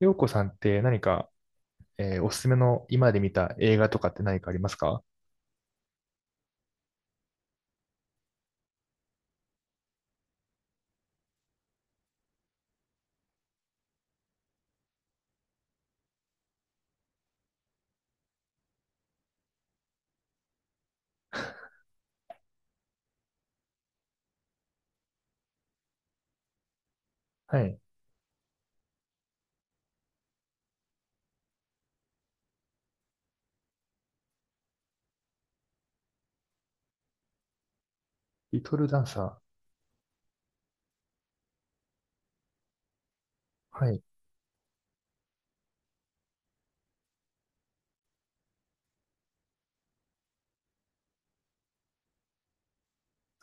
ようこさんって何か、おすすめの今まで見た映画とかって何かありますか？はい。リトルダンサー。はい。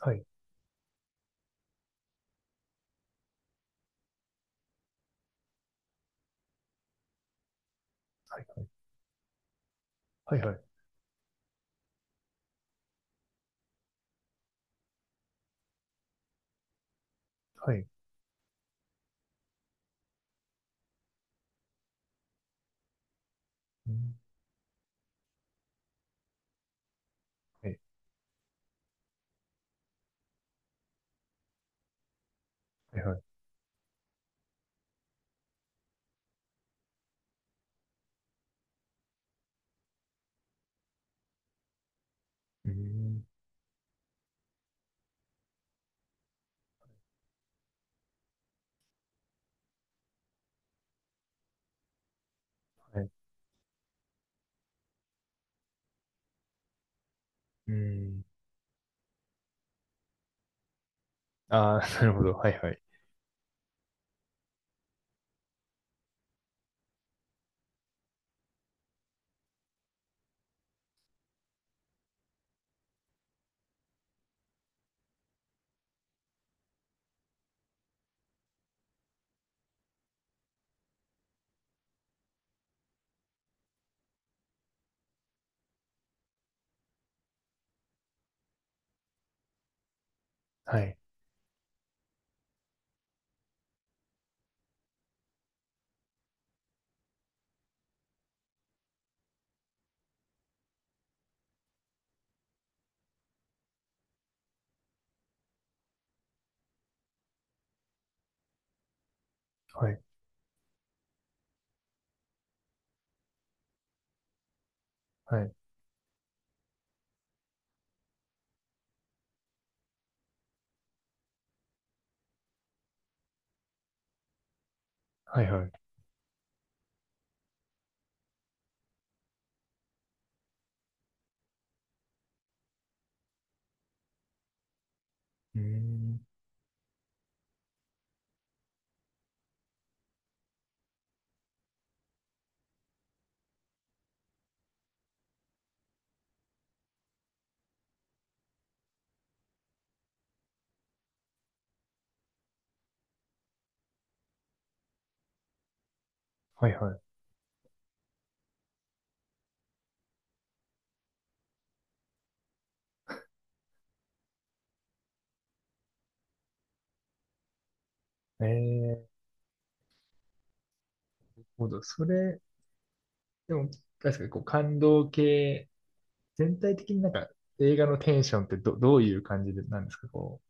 はい。はい。はい。はい。はい。はい。うん。はい。はい。はい。うーん。はい。うーん。ああ、なるほど。はい。はい。はい。はい。はい。はい。はい。うん。はい。はい。なるほど。それ、でも、確かにこう感動系、全体的になんか映画のテンションってどういう感じでなんですか、こう、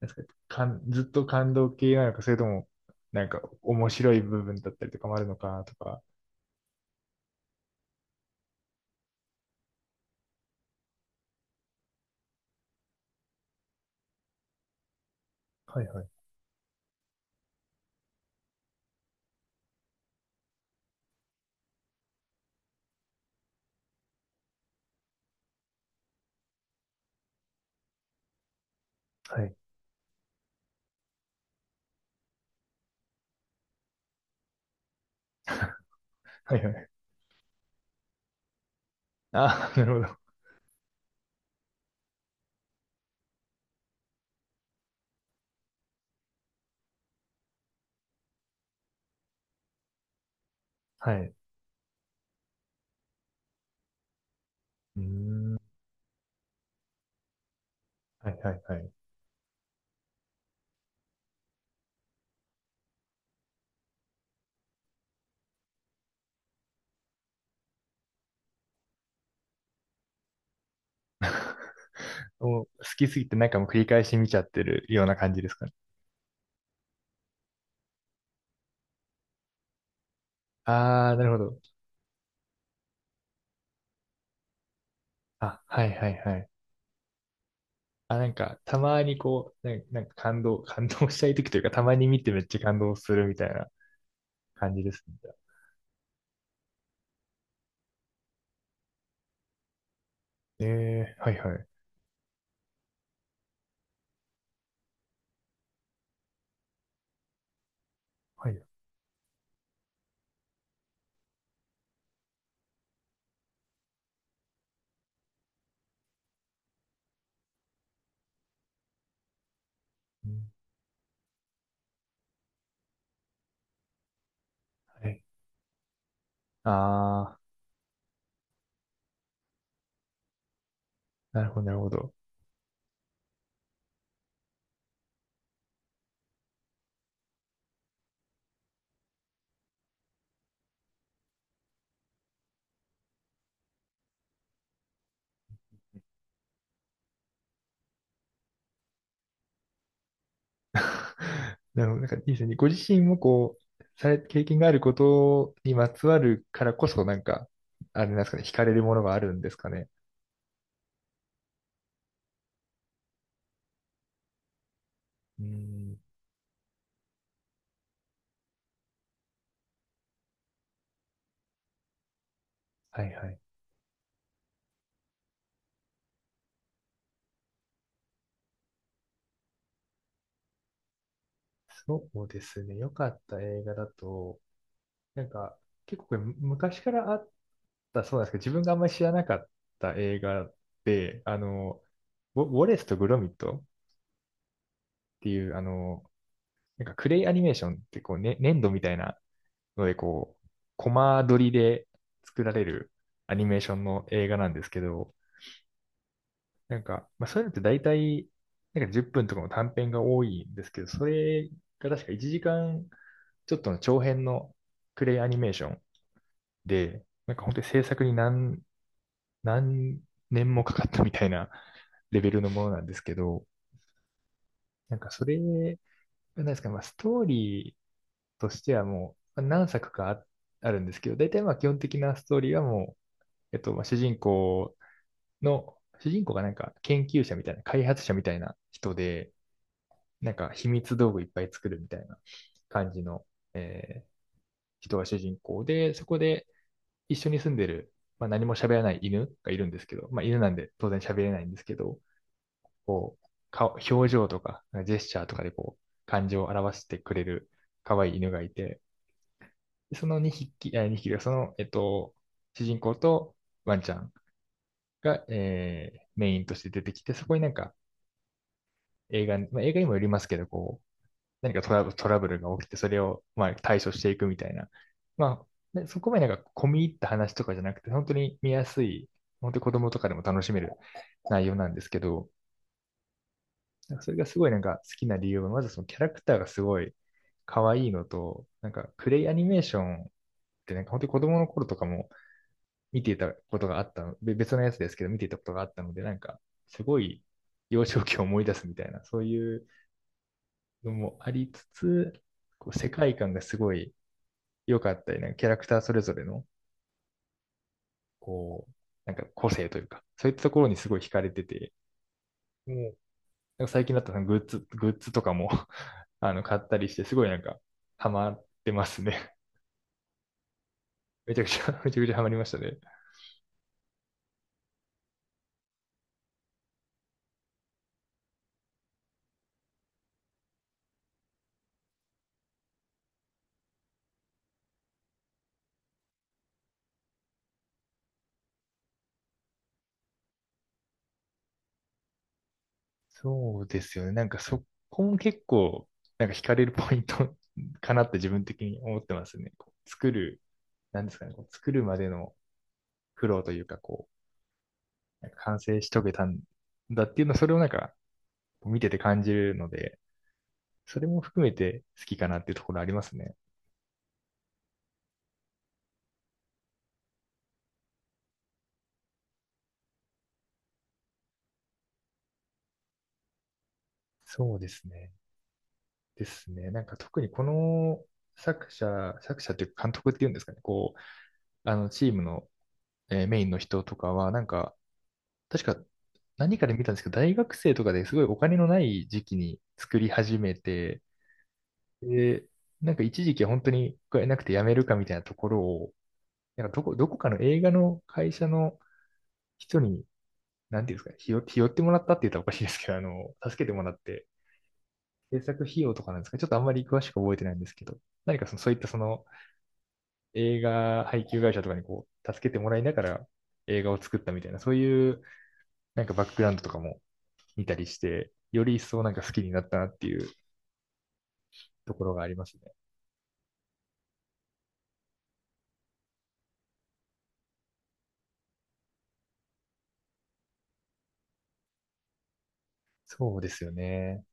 なんですか、ずっと感動系なのか、それとも、なんか面白い部分だったりとかもあるのかとか。はいはい。はい。はいはい。ああ、なるほど。はい。うーん。はいはいはい。お好きすぎてなんかもう繰り返し見ちゃってるような感じですかね？ああ、なるほど。あ、はいはいはい。あ、なんか、たまにこう、なんか感動したい時というか、たまに見てめっちゃ感動するみたいな感じですね。ええ、はいはい。はい。うん、はい。ああ、なるほど、なるほど。なるほど。なんかいいですね。ご自身もこう、経験があることにまつわるからこそ、なんか、あれなんですかね、惹かれるものがあるんですかね？うん。はいはい。そうですね。良かった映画だと、なんか、結構これ昔からあったそうなんですけど、自分があんまり知らなかった映画で、ウォレスとグロミットっていう、なんかクレイアニメーションってこう、ね、粘土みたいなので、こう、コマ撮りで作られるアニメーションの映画なんですけど、なんか、まあ、そういうのって大体、なんか10分とかの短編が多いんですけど、それが確か1時間ちょっとの長編のクレイアニメーションで、なんか本当に制作に何年もかかったみたいな レベルのものなんですけど、なんかそれ、なんですか、まあ、ストーリーとしてはもうまあ何作かあるんですけど、大体まあ基本的なストーリーはもうまあ、主人公がなんか研究者みたいな、開発者みたいな人で、なんか秘密道具いっぱい作るみたいな感じの、えー人が主人公で、そこで一緒に住んでる、まあ、何も喋らない犬がいるんですけど、まあ、犬なんで当然喋れないんですけど、こう、顔、表情とか、ジェスチャーとかでこう、感情を表してくれる可愛い犬がいて、その2匹、2匹がその、主人公とワンちゃんが、メインとして出てきて、そこになんか映画、まあ、映画にもよりますけど、こう、何かトラブルが起きて、それを、まあ、対処していくみたいな。まあ、でそこまでなんか込み入った話とかじゃなくて、本当に見やすい、本当に子供とかでも楽しめる内容なんですけど、なんかそれがすごいなんか好きな理由は、まずそのキャラクターがすごい可愛いのと、なんかクレイアニメーションってなんか本当に子供の頃とかも見ていたことがあったの、別のやつですけど、見ていたことがあったので、なんか、すごい幼少期を思い出すみたいな、そういうのもありつつ、こう世界観がすごい良かったり、なんかキャラクターそれぞれの、こう、なんか個性というか、そういったところにすごい惹かれてて、もう、なんか最近だったらグッズとかも あの、買ったりして、すごいなんか、ハマってますね。めちゃくちゃ、めちゃくちゃハマりましたね。そうですよね。なんかそこも結構、なんか惹かれるポイント かなって自分的に思ってますね。こう作る、なんですかね、こう作るまでの苦労というか、こう、なんか完成し遂げたんだっていうの、それをなんか見てて感じるので、それも含めて好きかなっていうところありますね。そうですね。ですね。なんか特にこの作者、作者っていうか監督っていうんですかね、こう、あのチームの、メインの人とかは、なんか、確か何かで見たんですけど、大学生とかですごいお金のない時期に作り始めて、で、なんか一時期は本当にお金なくて辞めるかみたいなところを、なんかどこかの映画の会社の人に、なんていうんですか、ひよってもらったって言ったらおかしいですけど、あの、助けてもらって、制作費用とかなんですか、ちょっとあんまり詳しく覚えてないんですけど、何かその、そういったその映画配給会社とかにこう、助けてもらいながら映画を作ったみたいな、そういうなんかバックグラウンドとかも見たりして、より一層なんか好きになったなっていうところがありますね。そうですよね。